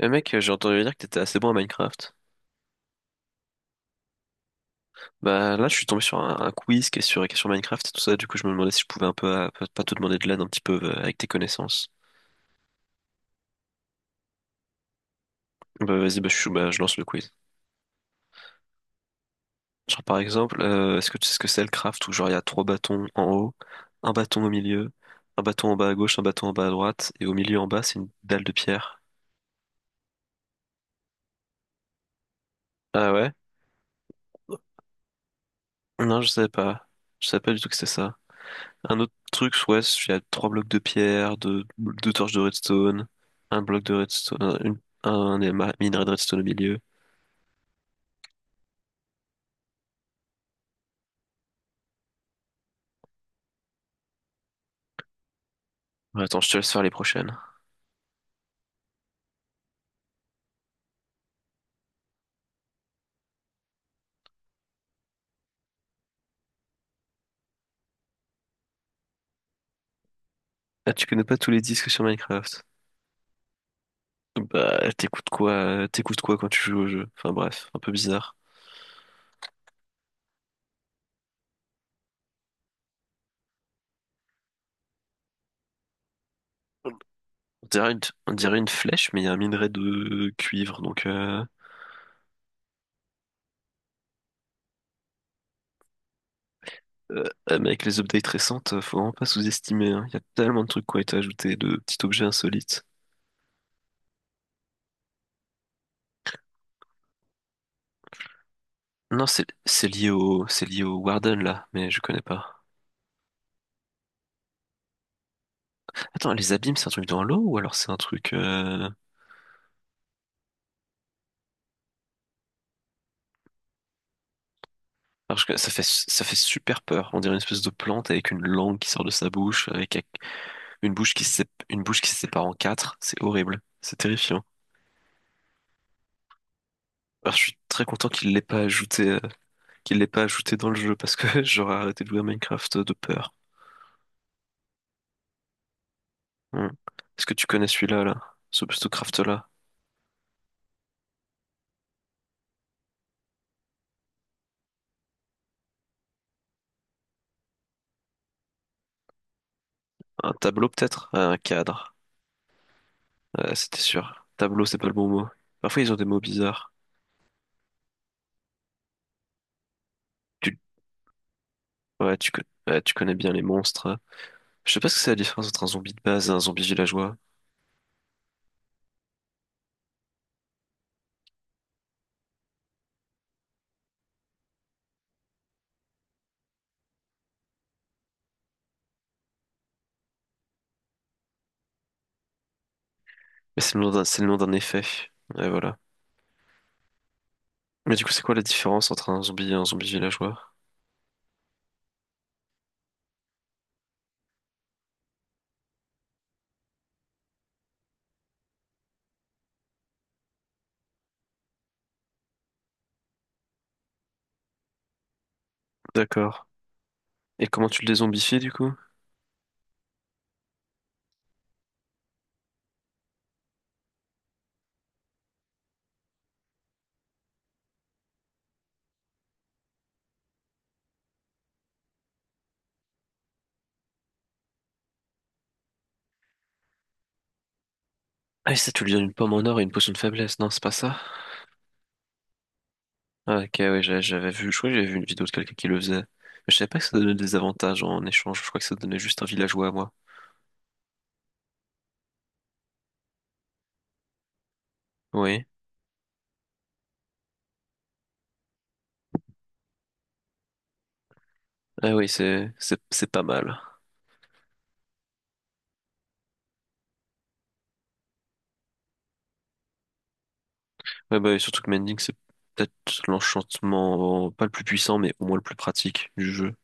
Eh mec, j'ai entendu dire que t'étais assez bon à Minecraft. Bah là, je suis tombé sur un quiz qui est sur Minecraft et tout ça. Du coup, je me demandais si je pouvais un peu, pas te demander de l'aide un petit peu avec tes connaissances. Bah vas-y, bah, bah, je lance le quiz. Genre par exemple, est-ce que tu sais ce que c'est le craft où genre il y a trois bâtons en haut, un bâton au milieu, un bâton en bas à gauche, un bâton en bas à droite et au milieu en bas c'est une dalle de pierre. Ah ouais? Non, je savais pas. Je savais pas du tout que c'était ça. Un autre truc, ouais, il y a trois blocs de pierre, deux torches de redstone, un bloc de redstone, un minerai de redstone au milieu. Ouais, attends, je te laisse faire les prochaines. Ah, tu connais pas tous les disques sur Minecraft? Bah, t'écoutes quoi quand tu joues au jeu? Enfin bref, un peu bizarre. On dirait une, on dirait une flèche, mais il y a un minerai de cuivre, donc euh, mais avec les updates récentes, faut vraiment pas sous-estimer, hein. Il y a tellement de trucs qui ont été ajoutés, de petits objets insolites. Non, c'est c'est lié au Warden là, mais je connais pas. Attends, les abîmes, c'est un truc dans l'eau ou alors c'est un truc alors, ça fait super peur. On dirait une espèce de plante avec une langue qui sort de sa bouche, avec une bouche une bouche qui se sépare en quatre, c'est horrible, c'est terrifiant. Alors, je suis très content qu'il l'ait pas ajouté, qu'il l'ait pas ajouté dans le jeu parce que j'aurais arrêté de jouer à Minecraft de peur. Hmm. Est-ce que tu connais celui-là, là? Ce craft-là? Un tableau peut-être? Un cadre. Ouais, c'était sûr. Tableau, c'est pas le bon mot. Parfois, ils ont des mots bizarres. Tu, ouais, tu, co- ouais, tu connais bien les monstres. Je sais pas ce que c'est la différence entre un zombie de base et un zombie villageois, mais c'est le nom d'un effet. Ouais, voilà. Mais du coup, c'est quoi la différence entre un zombie et un zombie villageois? D'accord. Et comment tu le dézombifies du coup? Ah, et ça, tu lui donnes une pomme en or et une potion de faiblesse, non, c'est pas ça? Ah, ok, ouais, j'avais vu, je crois que j'avais vu une vidéo de quelqu'un qui le faisait. Mais je savais pas que ça donnait des avantages en échange, je crois que ça donnait juste un villageois à moi. Oui. Ah oui, c'est pas mal. Ouais, bah, et surtout que Mending, c'est peut-être l'enchantement, pas le plus puissant, mais au moins le plus pratique du jeu.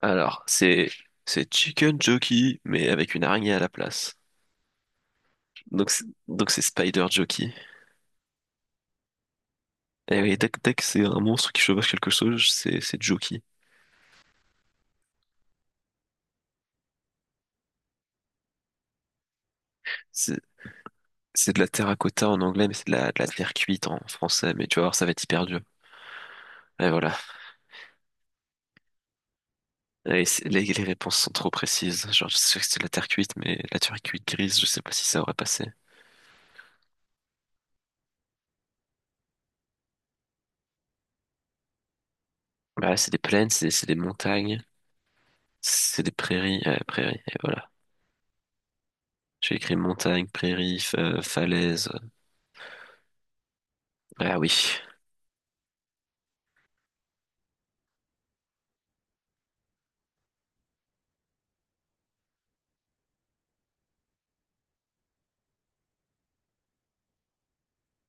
Alors, c'est Chicken Jockey, mais avec une araignée à la place. Donc c'est Spider Jockey. Et oui, dès que c'est un monstre qui chevauche quelque chose, c'est Jockey. C'est c'est de la terracotta en anglais, mais c'est de la terre cuite en français. Mais tu vas voir, ça va être hyper dur. Et voilà. Les réponses sont trop précises. Genre, je sais que c'est de la terre cuite, mais la terre cuite grise, je sais pas si ça aurait passé. Bah là, c'est des plaines, c'est des montagnes, c'est des prairies, ouais, prairies. Et voilà. J'ai écrit montagne, prairie, falaise. Ah oui.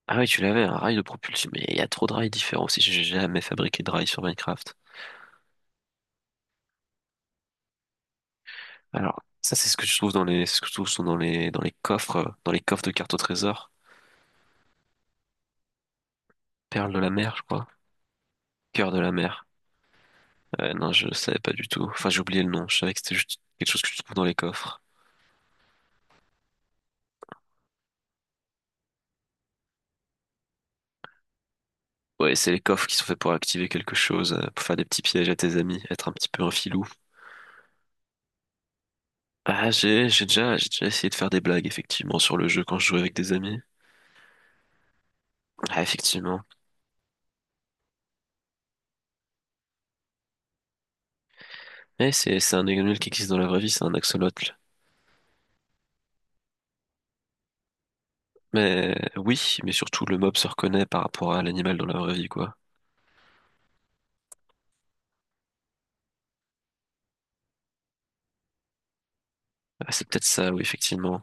Ah oui, tu l'avais, un rail de propulsion, mais il y a trop de rails différents aussi, j'ai jamais fabriqué de rails sur Minecraft. Alors, ça c'est ce que je trouve dans c'est ce que je trouve sont dans les coffres de cartes au trésor. Perles de la mer, je crois. Cœur de la mer. Ouais, non, je savais pas du tout. Enfin, j'ai oublié le nom, je savais que c'était juste quelque chose que tu trouves dans les coffres. Ouais, c'est les coffres qui sont faits pour activer quelque chose, pour faire des petits pièges à tes amis, être un petit peu un filou. Ah, j'ai déjà essayé de faire des blagues, effectivement, sur le jeu quand je jouais avec des amis. Ah, effectivement. Eh, c'est un animal qui existe dans la vraie vie, c'est un axolote. Mais oui, mais surtout le mob se reconnaît par rapport à l'animal dans la vraie vie, quoi. Ah, c'est peut-être ça, oui, effectivement.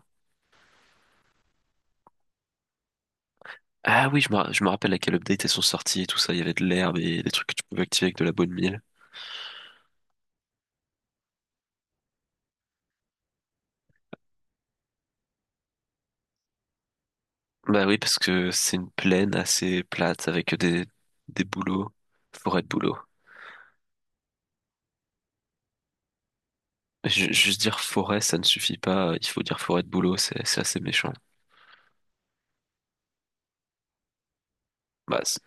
Ah oui, je me rappelle à quel update elles sont sorties et tout ça. Il y avait de l'herbe et des trucs que tu pouvais activer avec de la bonne mille. Bah oui, parce que c'est une plaine assez plate avec des bouleaux, forêt de bouleaux. Juste dire forêt, ça ne suffit pas. Il faut dire forêt de bouleaux, c'est assez méchant. Bah, c'est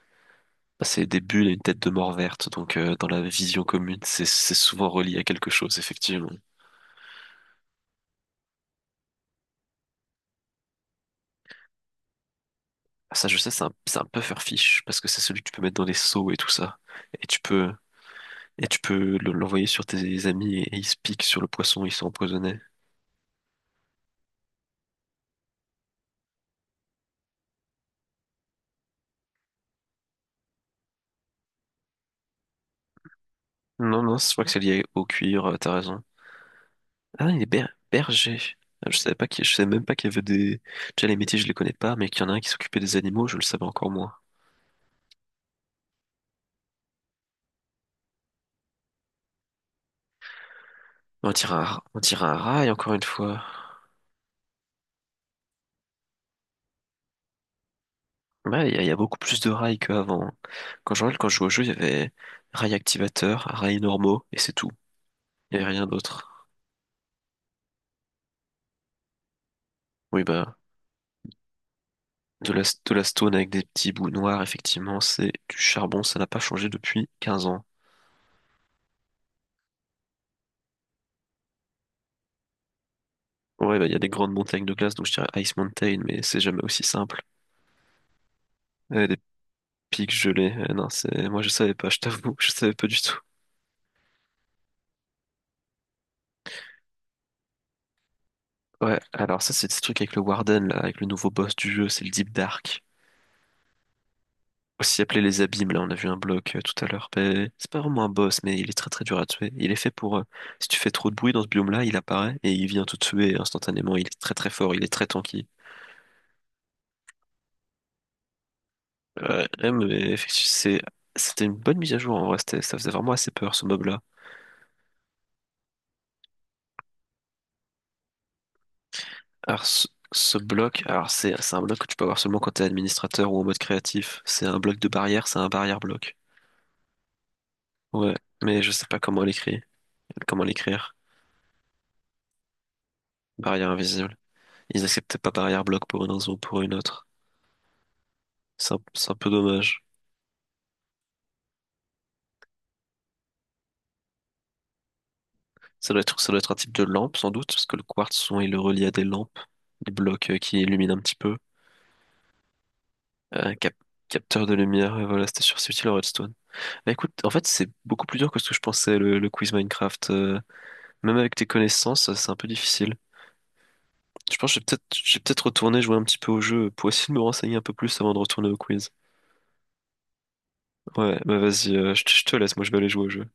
des bulles et une tête de mort verte, donc dans la vision commune, c'est souvent relié à quelque chose, effectivement. Ah, ça, je sais, c'est un puffer fish parce que c'est celui que tu peux mettre dans les seaux et tout ça. Et tu peux, et tu peux l'envoyer sur tes amis et ils se piquent sur le poisson, ils sont empoisonnés. Non, non, c'est vrai que c'est lié au cuir, t'as raison. Ah, il est berger. Ah, je savais pas qu'il, je savais même pas qu'il y avait déjà les métiers, je les connais pas, mais qu'il y en a un qui s'occupait des animaux, je le savais encore moins. On dirait on dirait un rail encore une fois. Ouais, il y a il y a beaucoup plus de rails qu'avant. Quand je jouais au jeu, il y avait rails activateurs, rails normaux, et c'est tout. Il y avait rien d'autre. Oui, bah. De la stone avec des petits bouts noirs, effectivement, c'est du charbon, ça n'a pas changé depuis 15 ans. Ouais, bah, il y a des grandes montagnes de glace, donc je dirais Ice Mountain, mais c'est jamais aussi simple. Et des pics gelés, eh non, c'est, moi je savais pas, je t'avoue, je savais pas du tout. Ouais, alors ça, c'est des trucs avec le Warden, là, avec le nouveau boss du jeu, c'est le Deep Dark. Aussi appelé les abîmes, là, on a vu un bloc tout à l'heure. Mais c'est pas vraiment un boss, mais il est très très dur à tuer. Il est fait pour, si tu fais trop de bruit dans ce biome-là, il apparaît et il vient te tuer instantanément. Il est très très fort, il est très tanky. Ouais, ouais, mais effectivement, c'est, c'était une bonne mise à jour en vrai. C'était, ça faisait vraiment assez peur ce mob-là. Alors, ce bloc, alors c'est un bloc que tu peux avoir seulement quand t'es administrateur ou en mode créatif. C'est un bloc de barrière, c'est un barrière bloc. Ouais, mais je sais pas comment l'écrire. Comment l'écrire? Barrière invisible. Ils acceptaient pas barrière bloc pour une raison ou pour une autre. C'est un peu dommage. Ça doit être un type de lampe sans doute, parce que le quartz, souvent, il le relie à des lampes, des blocs qui illuminent un petit peu. Un cap- capteur de lumière, et voilà, c'était sur c'est utile en redstone. Bah écoute, en fait, c'est beaucoup plus dur que ce que je pensais, le quiz Minecraft. Même avec tes connaissances, c'est un peu difficile. Je pense que je vais peut-être retourner jouer un petit peu au jeu pour essayer de me renseigner un peu plus avant de retourner au quiz. Ouais, bah vas-y, je te laisse, moi je vais aller jouer au jeu.